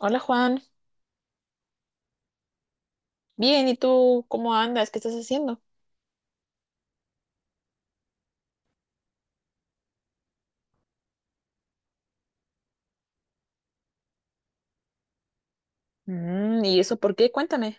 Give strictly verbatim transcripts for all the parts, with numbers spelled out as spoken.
Hola Juan, bien, ¿y tú cómo andas? ¿Qué estás haciendo? Mm, ¿y eso por qué? Cuéntame.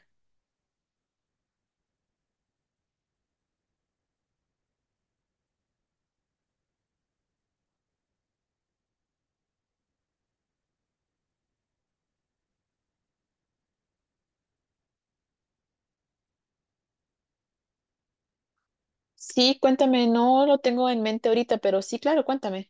Sí, cuéntame, no lo tengo en mente ahorita, pero sí, claro, cuéntame.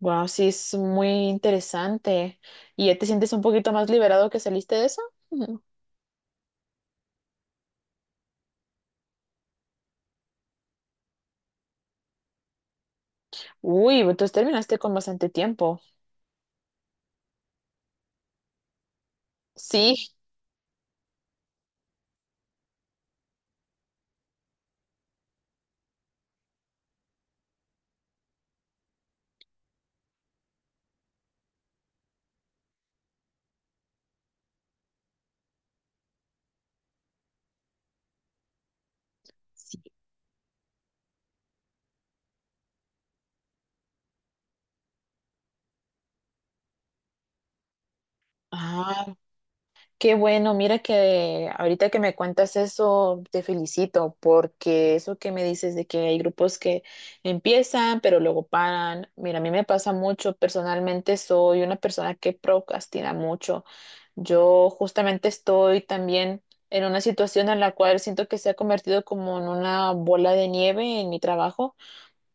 Wow, sí, es muy interesante. ¿Y ya te sientes un poquito más liberado que saliste de eso? Ujú. Uy, entonces terminaste con bastante tiempo. Sí. Sí. Ah, qué bueno, mira que ahorita que me cuentas eso, te felicito porque eso que me dices de que hay grupos que empiezan pero luego paran, mira, a mí me pasa mucho, personalmente soy una persona que procrastina mucho. Yo justamente estoy también en una situación en la cual siento que se ha convertido como en una bola de nieve en mi trabajo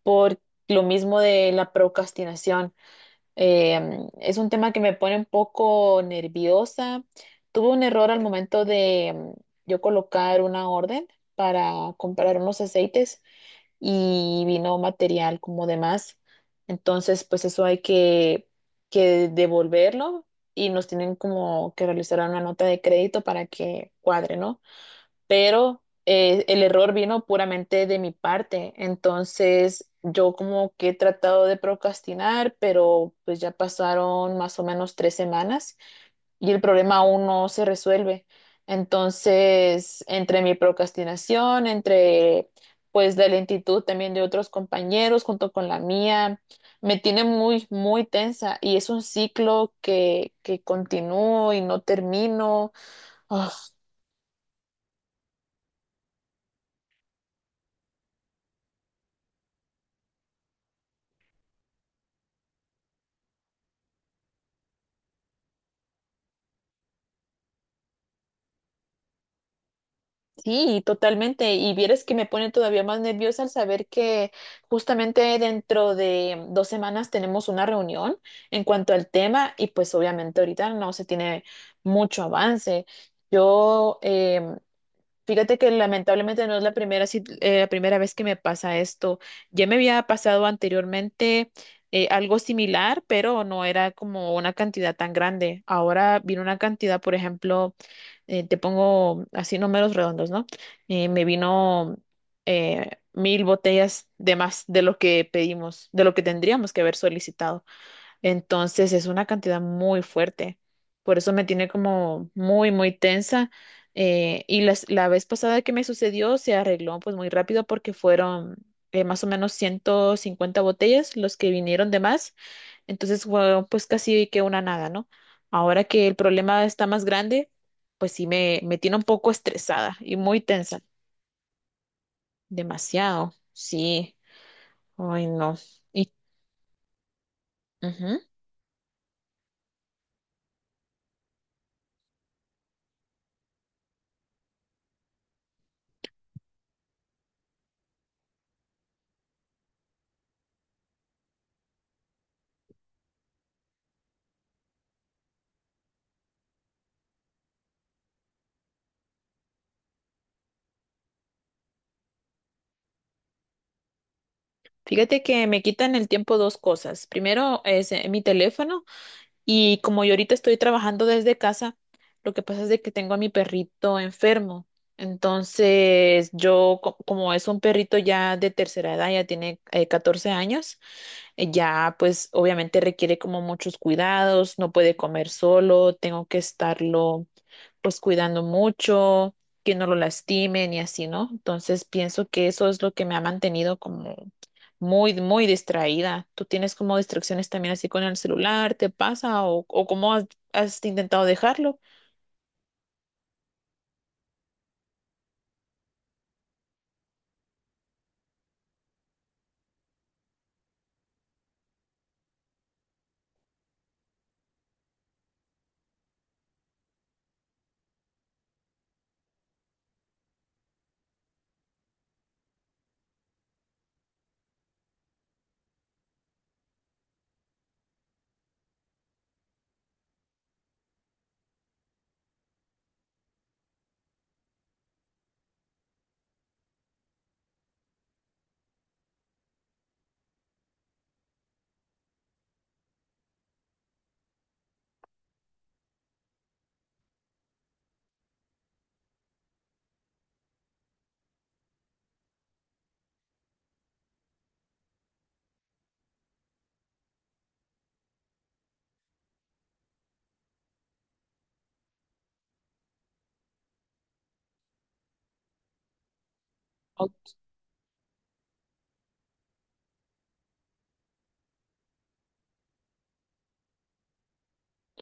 por lo mismo de la procrastinación. Em, es un tema que me pone un poco nerviosa. Tuve un error al momento de em, yo colocar una orden para comprar unos aceites y vino material como de más. Entonces, pues eso hay que, que devolverlo y nos tienen como que realizar una nota de crédito para que cuadre, ¿no? Pero eh, el error vino puramente de mi parte. Entonces, yo como que he tratado de procrastinar, pero pues ya pasaron más o menos tres semanas y el problema aún no se resuelve. Entonces, entre mi procrastinación, entre pues la lentitud también de otros compañeros junto con la mía, me tiene muy, muy tensa y es un ciclo que, que continúo y no termino. Ah, sí, totalmente. Y vieras que me pone todavía más nerviosa al saber que justamente dentro de dos semanas tenemos una reunión en cuanto al tema y pues obviamente ahorita no se tiene mucho avance. Yo em, fíjate que lamentablemente no es la primera, sit- eh, la primera vez que me pasa esto. Ya me había pasado anteriormente eh, algo similar, pero no era como una cantidad tan grande. Ahora vino una cantidad, por ejemplo, eh, te pongo así números redondos, ¿no? Eh, me vino eh, mil botellas de más de lo que pedimos, de lo que tendríamos que haber solicitado. Entonces es una cantidad muy fuerte. Por eso me tiene como muy, muy tensa. Eh, y las- la vez pasada que me sucedió se arregló pues muy rápido porque fueron eh, más o menos ciento cincuenta botellas los que vinieron de más. Entonces fue pues casi que una nada, ¿no? Ahora que el problema está más grande, pues sí me, me tiene un poco estresada y muy tensa. Demasiado, sí. Ay, no. Y, ujú. Fíjate que me quitan el tiempo dos cosas. Primero es eh, mi teléfono y como yo ahorita estoy trabajando desde casa, lo que pasa es de que tengo a mi perrito enfermo. Entonces yo, co- como es un perrito ya de tercera edad, ya tiene eh, catorce años, eh, ya pues obviamente requiere como muchos cuidados, no puede comer solo, tengo que estarlo pues cuidando mucho, que no lo lastimen y así, ¿no? Entonces pienso que eso es lo que me ha mantenido como muy, muy distraída. ¿Tú tienes como distracciones también así con el celular? ¿Te pasa? ¿O, o cómo has, has intentado dejarlo? O-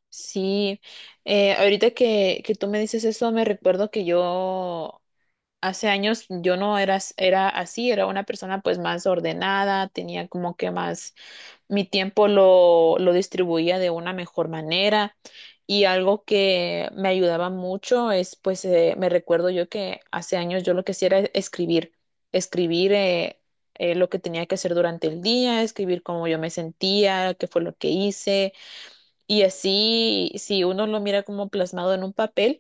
sí, eh, ahorita que, que tú me dices eso, me recuerdo que yo hace años yo no era, as- era así, era una persona pues más ordenada, tenía como que más, mi tiempo lo, lo distribuía de una mejor manera y algo que me ayudaba mucho es pues eh, me recuerdo yo que hace años yo lo que hacía era escribir, escribir eh, eh, lo que tenía que hacer durante el día, escribir cómo yo me sentía, qué fue lo que hice y así si uno lo mira como plasmado en un papel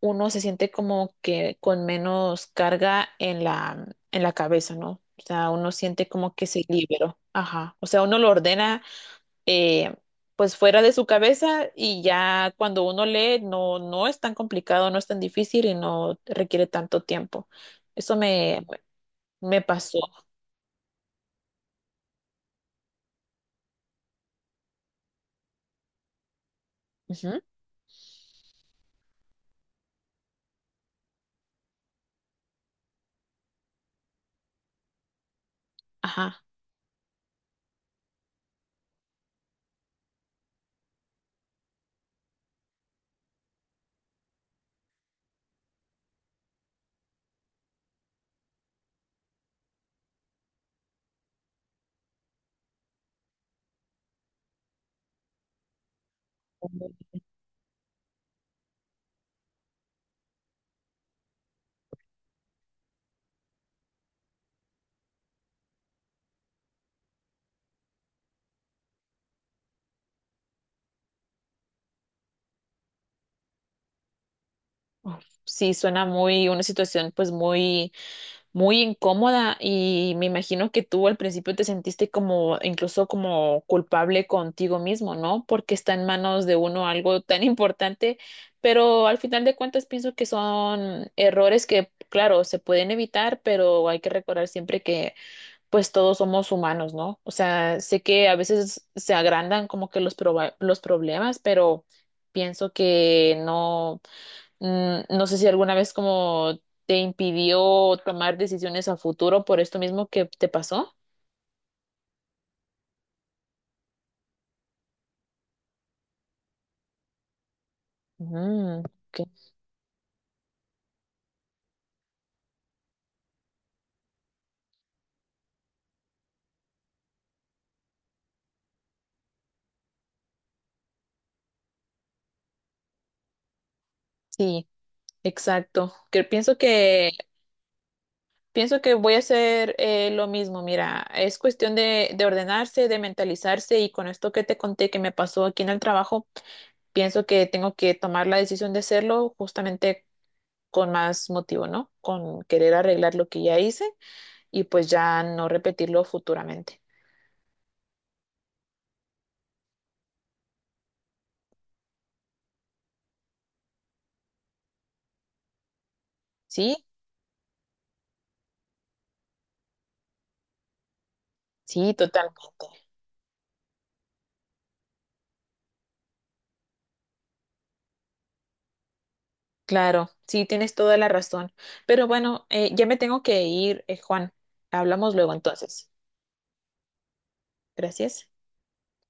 uno se siente como que con menos carga en la, en la cabeza, ¿no? O sea, uno siente como que se liberó. Ajá. O sea, uno lo ordena eh, pues fuera de su cabeza y ya cuando uno lee no, no es tan complicado, no es tan difícil y no requiere tanto tiempo. Eso me, me pasó. Ujú. Ajá. Uf, sí, suena muy, una situación pues muy muy incómoda y me imagino que tú al principio te sentiste como incluso como culpable contigo mismo, ¿no? Porque está en manos de uno algo tan importante, pero al final de cuentas pienso que son errores que, claro, se pueden evitar, pero hay que recordar siempre que pues todos somos humanos, ¿no? O sea, sé que a veces se agrandan como que los, proba- los problemas, pero pienso que no. Mm, no sé si alguna vez como te impidió tomar decisiones a futuro por esto mismo que te pasó. Mm, ok. Sí, exacto. Que pienso que pienso que voy a hacer eh, lo mismo. Mira, es cuestión de, de ordenarse, de mentalizarse y con esto que te conté que me pasó aquí en el trabajo, pienso que tengo que tomar la decisión de hacerlo justamente con más motivo, ¿no? Con querer arreglar lo que ya hice y pues ya no repetirlo futuramente. Sí, sí, totalmente. Claro, sí, tienes toda la razón. Pero bueno, eh, ya me tengo que ir, eh, Juan. Hablamos luego entonces. Gracias.